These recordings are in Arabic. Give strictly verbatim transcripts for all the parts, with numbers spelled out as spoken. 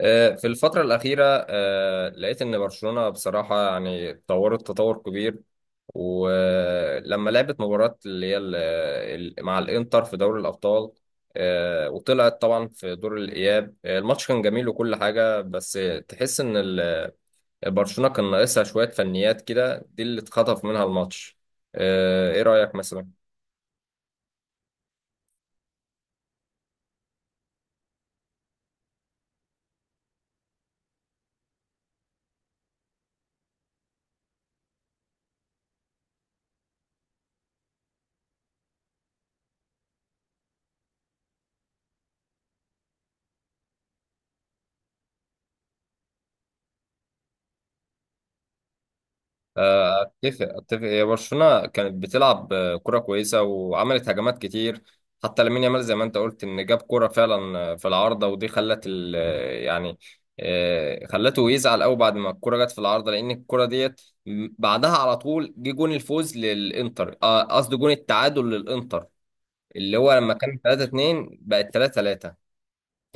آه، في الفترة الأخيرة آه، لقيت إن برشلونة بصراحة يعني اتطورت تطور كبير. ولما لعبت مباراة اللي هي ال- ال- مع الإنتر في دوري الأبطال، آه، وطلعت طبعا في دور الإياب. آه، الماتش كان جميل وكل حاجة، بس تحس إن ال- برشلونة كان ناقصها شوية فنيات كده، دي اللي اتخطف منها الماتش. آه، إيه رأيك مثلا؟ آه، اتفق اتفق. هي برشلونه كانت بتلعب آه، كره كويسه وعملت هجمات كتير. حتى لامين يامال، زي ما انت قلت، ان جاب كره فعلا آه، في العارضه، ودي خلت ال آه، يعني آه، خلته يزعل قوي بعد ما الكره جت في العارضه، لان الكره ديت م- بعدها على طول جه جون الفوز للانتر. آه، قصدي جون التعادل للانتر، اللي هو لما كان ثلاتة اتنين بقت ثلاتة ثلاتة.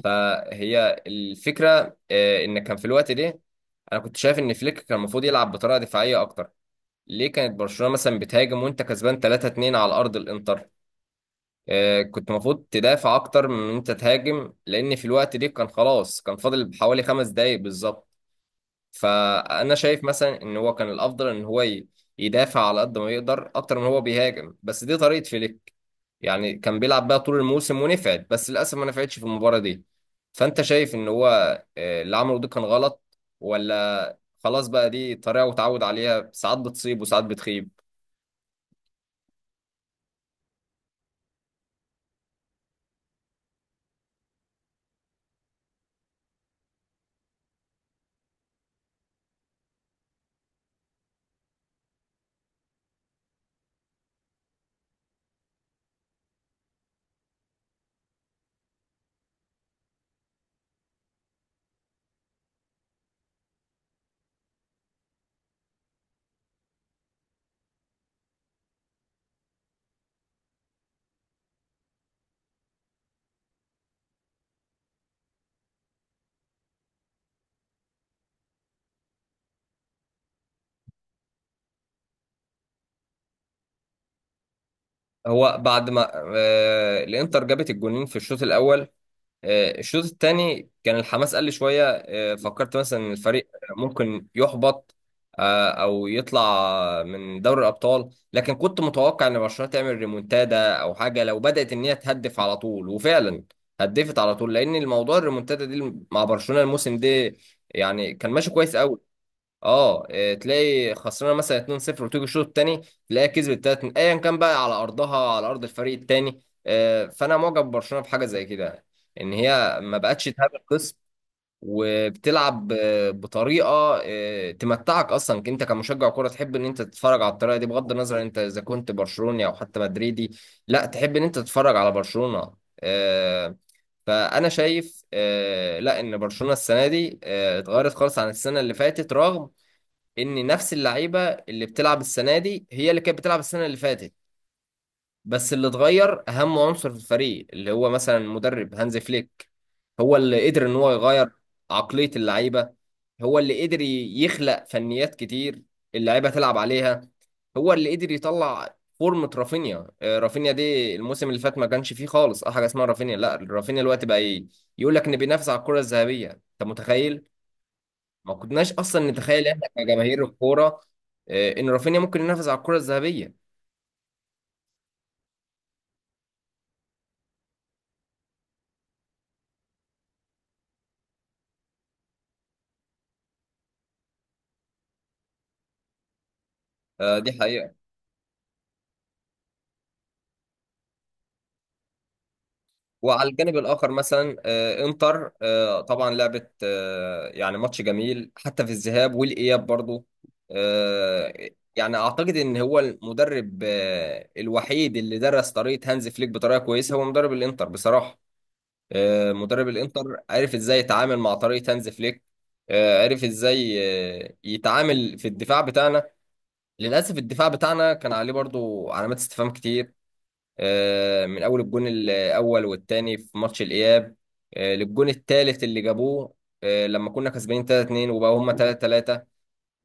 فهي الفكره آه، ان كان في الوقت ده، انا كنت شايف ان فليك كان المفروض يلعب بطريقه دفاعيه اكتر. ليه كانت برشلونة مثلا بتهاجم وانت كسبان ثلاتة اتنين على ارض الانتر؟ آه، كنت المفروض تدافع اكتر من ان انت تهاجم، لان في الوقت دي كان خلاص كان فاضل حوالي خمس دقايق بالظبط. فانا شايف مثلا ان هو كان الافضل ان هو ي- يدافع على قد ما يقدر اكتر من هو بيهاجم، بس دي طريقة فليك. يعني كان بيلعب بيها طول الموسم ونفعت، بس للاسف ما نفعتش في المباراة دي. فانت شايف ان هو آه، اللي عمله ده كان غلط، ولا خلاص بقى دي طريقة وتعود عليها، ساعات بتصيب وساعات بتخيب؟ هو بعد ما آه، الانتر جابت الجونين في الشوط الاول، آه، الشوط الثاني كان الحماس قل شويه. آه، فكرت مثلا ان الفريق ممكن يحبط آه، او يطلع من دوري الابطال، لكن كنت متوقع ان برشلونه تعمل ريمونتادا او حاجه لو بدات ان هي تهدف على طول. وفعلا هدفت على طول، لان الموضوع الريمونتادا دي مع برشلونه الموسم ده يعني كان ماشي كويس قوي. اه إيه، تلاقي خسرانه مثلا اتنين صفر، وتيجي الشوط الثاني تلاقيها كسبت ثلاثة ايا كان، بقى على ارضها على ارض الفريق الثاني. فانا معجب ببرشلونه في حاجه زي كده، ان هي ما بقتش تهاب الخصم وبتلعب آه، بطريقه آه، تمتعك اصلا. انت كمشجع كوره تحب ان انت تتفرج على الطريقه دي، بغض النظر انت اذا كنت برشلوني او حتى مدريدي، لا تحب ان انت تتفرج على برشلونه. آه، فانا شايف آه، لا ان برشلونه السنه دي آه، اتغيرت خالص عن السنه اللي فاتت، رغم ان نفس اللعيبه اللي بتلعب السنه دي هي اللي كانت بتلعب السنه اللي فاتت. بس اللي اتغير اهم عنصر في الفريق، اللي هو مثلا المدرب هانز فليك. هو اللي قدر ان هو يغير عقليه اللعيبه، هو اللي قدر يخلق فنيات كتير اللعيبه تلعب عليها، هو اللي قدر يطلع فورمة رافينيا. آه، رافينيا دي الموسم اللي فات ما كانش فيه خالص اه حاجه اسمها رافينيا. لا، رافينيا الوقت بقى ايه، يقول لك ان بينافس على الكره الذهبيه، انت متخيل؟ ما كناش اصلا نتخيل احنا كجماهير الكوره آه، ان رافينيا ممكن ينافس على الكره الذهبيه. آه، دي حقيقه. وعلى الجانب الاخر مثلا آه، انتر آه، طبعا لعبت آه، يعني ماتش جميل حتى في الذهاب والاياب برضو. آه، يعني اعتقد ان هو المدرب آه، الوحيد اللي درس طريقه هانز فليك بطريقه كويسه هو مدرب الانتر بصراحه. آه، مدرب الانتر عرف ازاي يتعامل مع طريقه هانز فليك. آه، عرف ازاي آه، يتعامل في الدفاع بتاعنا. للأسف الدفاع بتاعنا كان عليه برضو علامات استفهام كتير، آه، من أول الجون الأول والتاني في ماتش الإياب، آه، للجون التالت اللي جابوه آه، لما كنا كسبانين ثلاتة اتنين وبقوا هما ثلاثة ثلاثة.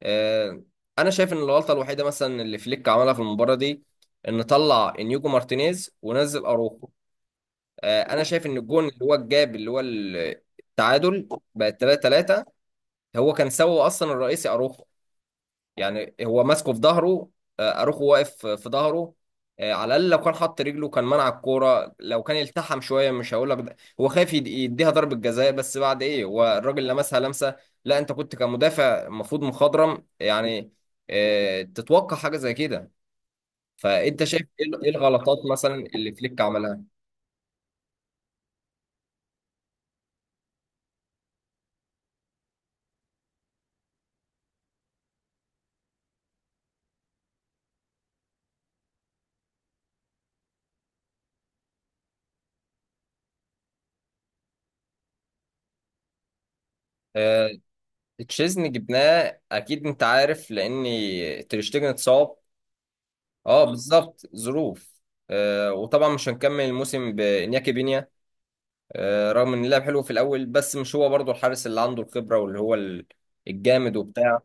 آه، أنا شايف إن الغلطة الوحيدة مثلا اللي فليك عملها في المباراة دي، إن طلع إنيجو مارتينيز ونزل أروخو. آه، أنا شايف إن الجون اللي هو الجاب اللي هو التعادل بقت ثلاثة ثلاثة، هو كان سببه أصلا الرئيسي أروخو. يعني هو ماسكه في ظهره، آه، اروخو واقف في ظهره. آه، على الاقل لو كان حط رجله كان منع الكوره، لو كان التحم شويه، مش هقول لك ده- هو خايف يد- يديها ضربه جزاء، بس بعد ايه؟ هو الراجل لمسها لمسه. لا، انت كنت كمدافع المفروض مخضرم، يعني آه، تتوقع حاجه زي كده. فانت شايف ايه إيه الغلطات مثلا اللي فليك عملها؟ آه، تشيزني جبناه اكيد، انت عارف، لان تريشتجن اتصاب. اه بالظبط، ظروف. آه وطبعا مش هنكمل الموسم بانياكي بينيا. آه رغم ان اللعب حلو في الاول، بس مش هو برضو الحارس اللي عنده الخبره واللي هو ال- الجامد وبتاع.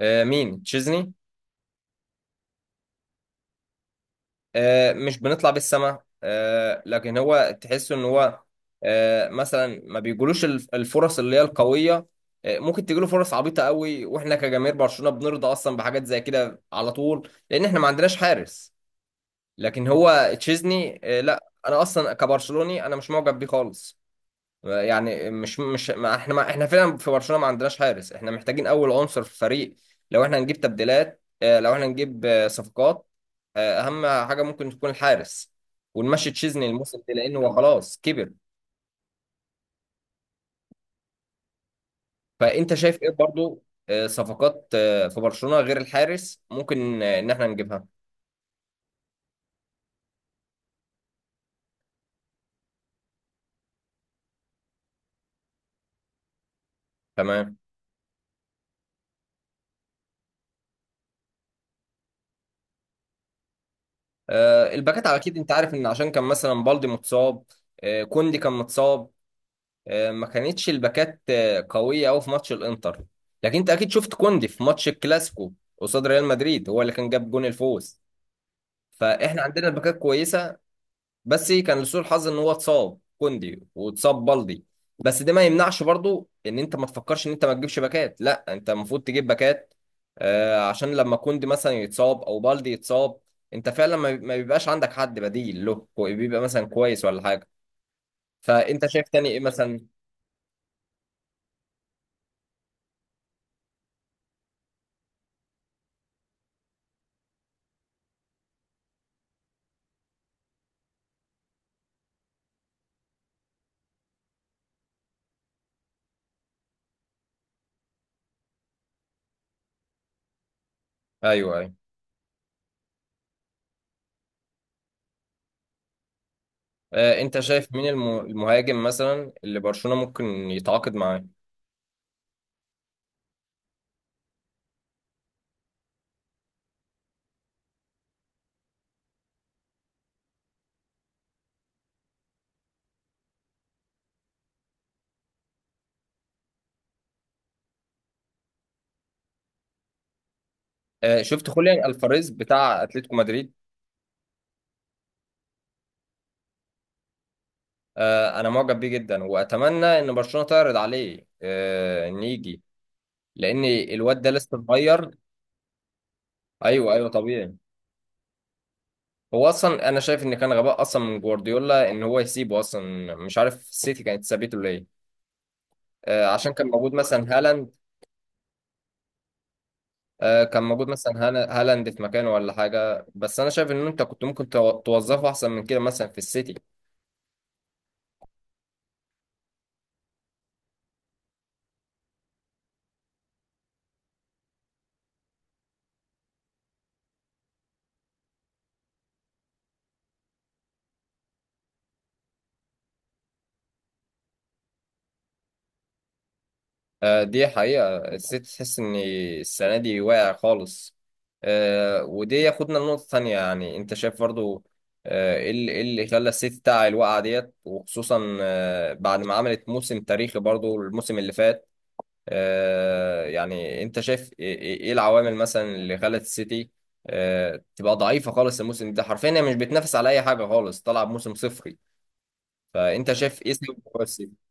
آه، مين؟ تشيزني؟ آه مش بنطلع بالسما، آه لكن هو تحس ان هو آه مثلا ما بيجولوش الف- الفرص اللي هي القويه. آه ممكن تجيله فرص عبيطه قوي، واحنا كجماهير برشلونه بنرضى اصلا بحاجات زي كده على طول، لان احنا ما عندناش حارس. لكن هو تشيزني، آه، لا انا اصلا كبرشلوني انا مش معجب بيه خالص. آه، يعني مش مش ما احنا ما احنا فعلا في برشلونة ما عندناش حارس. احنا محتاجين اول عنصر في الفريق لو احنا هنجيب تبديلات، آه، لو احنا هنجيب آه، صفقات، آه، اهم حاجة ممكن تكون الحارس. ونمشي تشيزني الموسم ده لانه هو خلاص كبر. فانت شايف ايه برضو آه، صفقات آه، في برشلونة غير الحارس ممكن آه، ان احنا نجيبها؟ تمام. آه، الباكات اكيد انت عارف، ان عشان كان مثلا بالدي متصاب، آه، كوندي كان متصاب، آه، ما كانتش الباكات آه، قوية أوي في ماتش الإنتر. لكن أنت أكيد شفت كوندي في ماتش الكلاسيكو قصاد ريال مدريد، هو اللي كان جاب جون الفوز. فإحنا عندنا باكات كويسة، بس كان لسوء الحظ إن هو اتصاب كوندي واتصاب بالدي. بس ده ما يمنعش برضو إن أنت ما تفكرش إن أنت ما تجيبش باكات، لا أنت المفروض تجيب باكات، آه، عشان لما كوندي مثلا يتصاب أو بالدي يتصاب، أنت فعلا ما ما بيبقاش عندك حد بديل له بيبقى مثلا كويس ولا حاجة. فأنت شايف تاني إيه مثلا؟ أيوه، أيوه. آه، انت شايف مين الم- المهاجم مثلا اللي برشلونة ممكن يتعاقد معاه؟ آه، شفت خوليان الفاريز بتاع اتلتيكو مدريد؟ آه، انا معجب بيه جدا واتمنى ان برشلونة تعرض عليه آه، ان يجي، لان الواد ده لسه صغير. ايوه، ايوه، طبيعي. هو اصلا انا شايف ان كان غباء اصلا من جوارديولا ان هو يسيبه اصلا، مش عارف السيتي كانت سابته ليه. آه، عشان كان موجود مثلا هالاند، آه، كان موجود مثلا هالا- هالاند في مكانه ولا حاجه، بس انا شايف ان انت كنت ممكن تو- توظفه احسن من كده مثلا في السيتي. آه، دي حقيقة. السيتي تحس إن السنة دي واقع خالص. آه، ودي ياخدنا لنقطة تانية. يعني أنت شايف برضو آه، إيه اللي إيه اللي خلى السيتي بتاع الوقعة ديت، وخصوصا آه، بعد ما عملت موسم تاريخي برضو الموسم اللي فات. آه، يعني أنت شايف إيه إيه- إيه العوامل مثلا اللي خلت السيتي آه، تبقى ضعيفة خالص الموسم ده؟ حرفيا هي مش بتنافس على أي حاجة خالص، طالعة بموسم صفري. فأنت شايف إيه سبب السيتي؟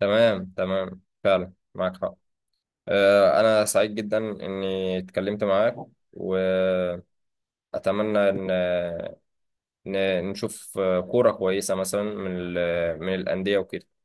تمام، تمام، فعلا معاك حق. آه، أنا سعيد جدا إني اتكلمت معاك، وأتمنى إن إن- نشوف آه، كورة كويسة مثلا من ال- آه، من الأندية وكده.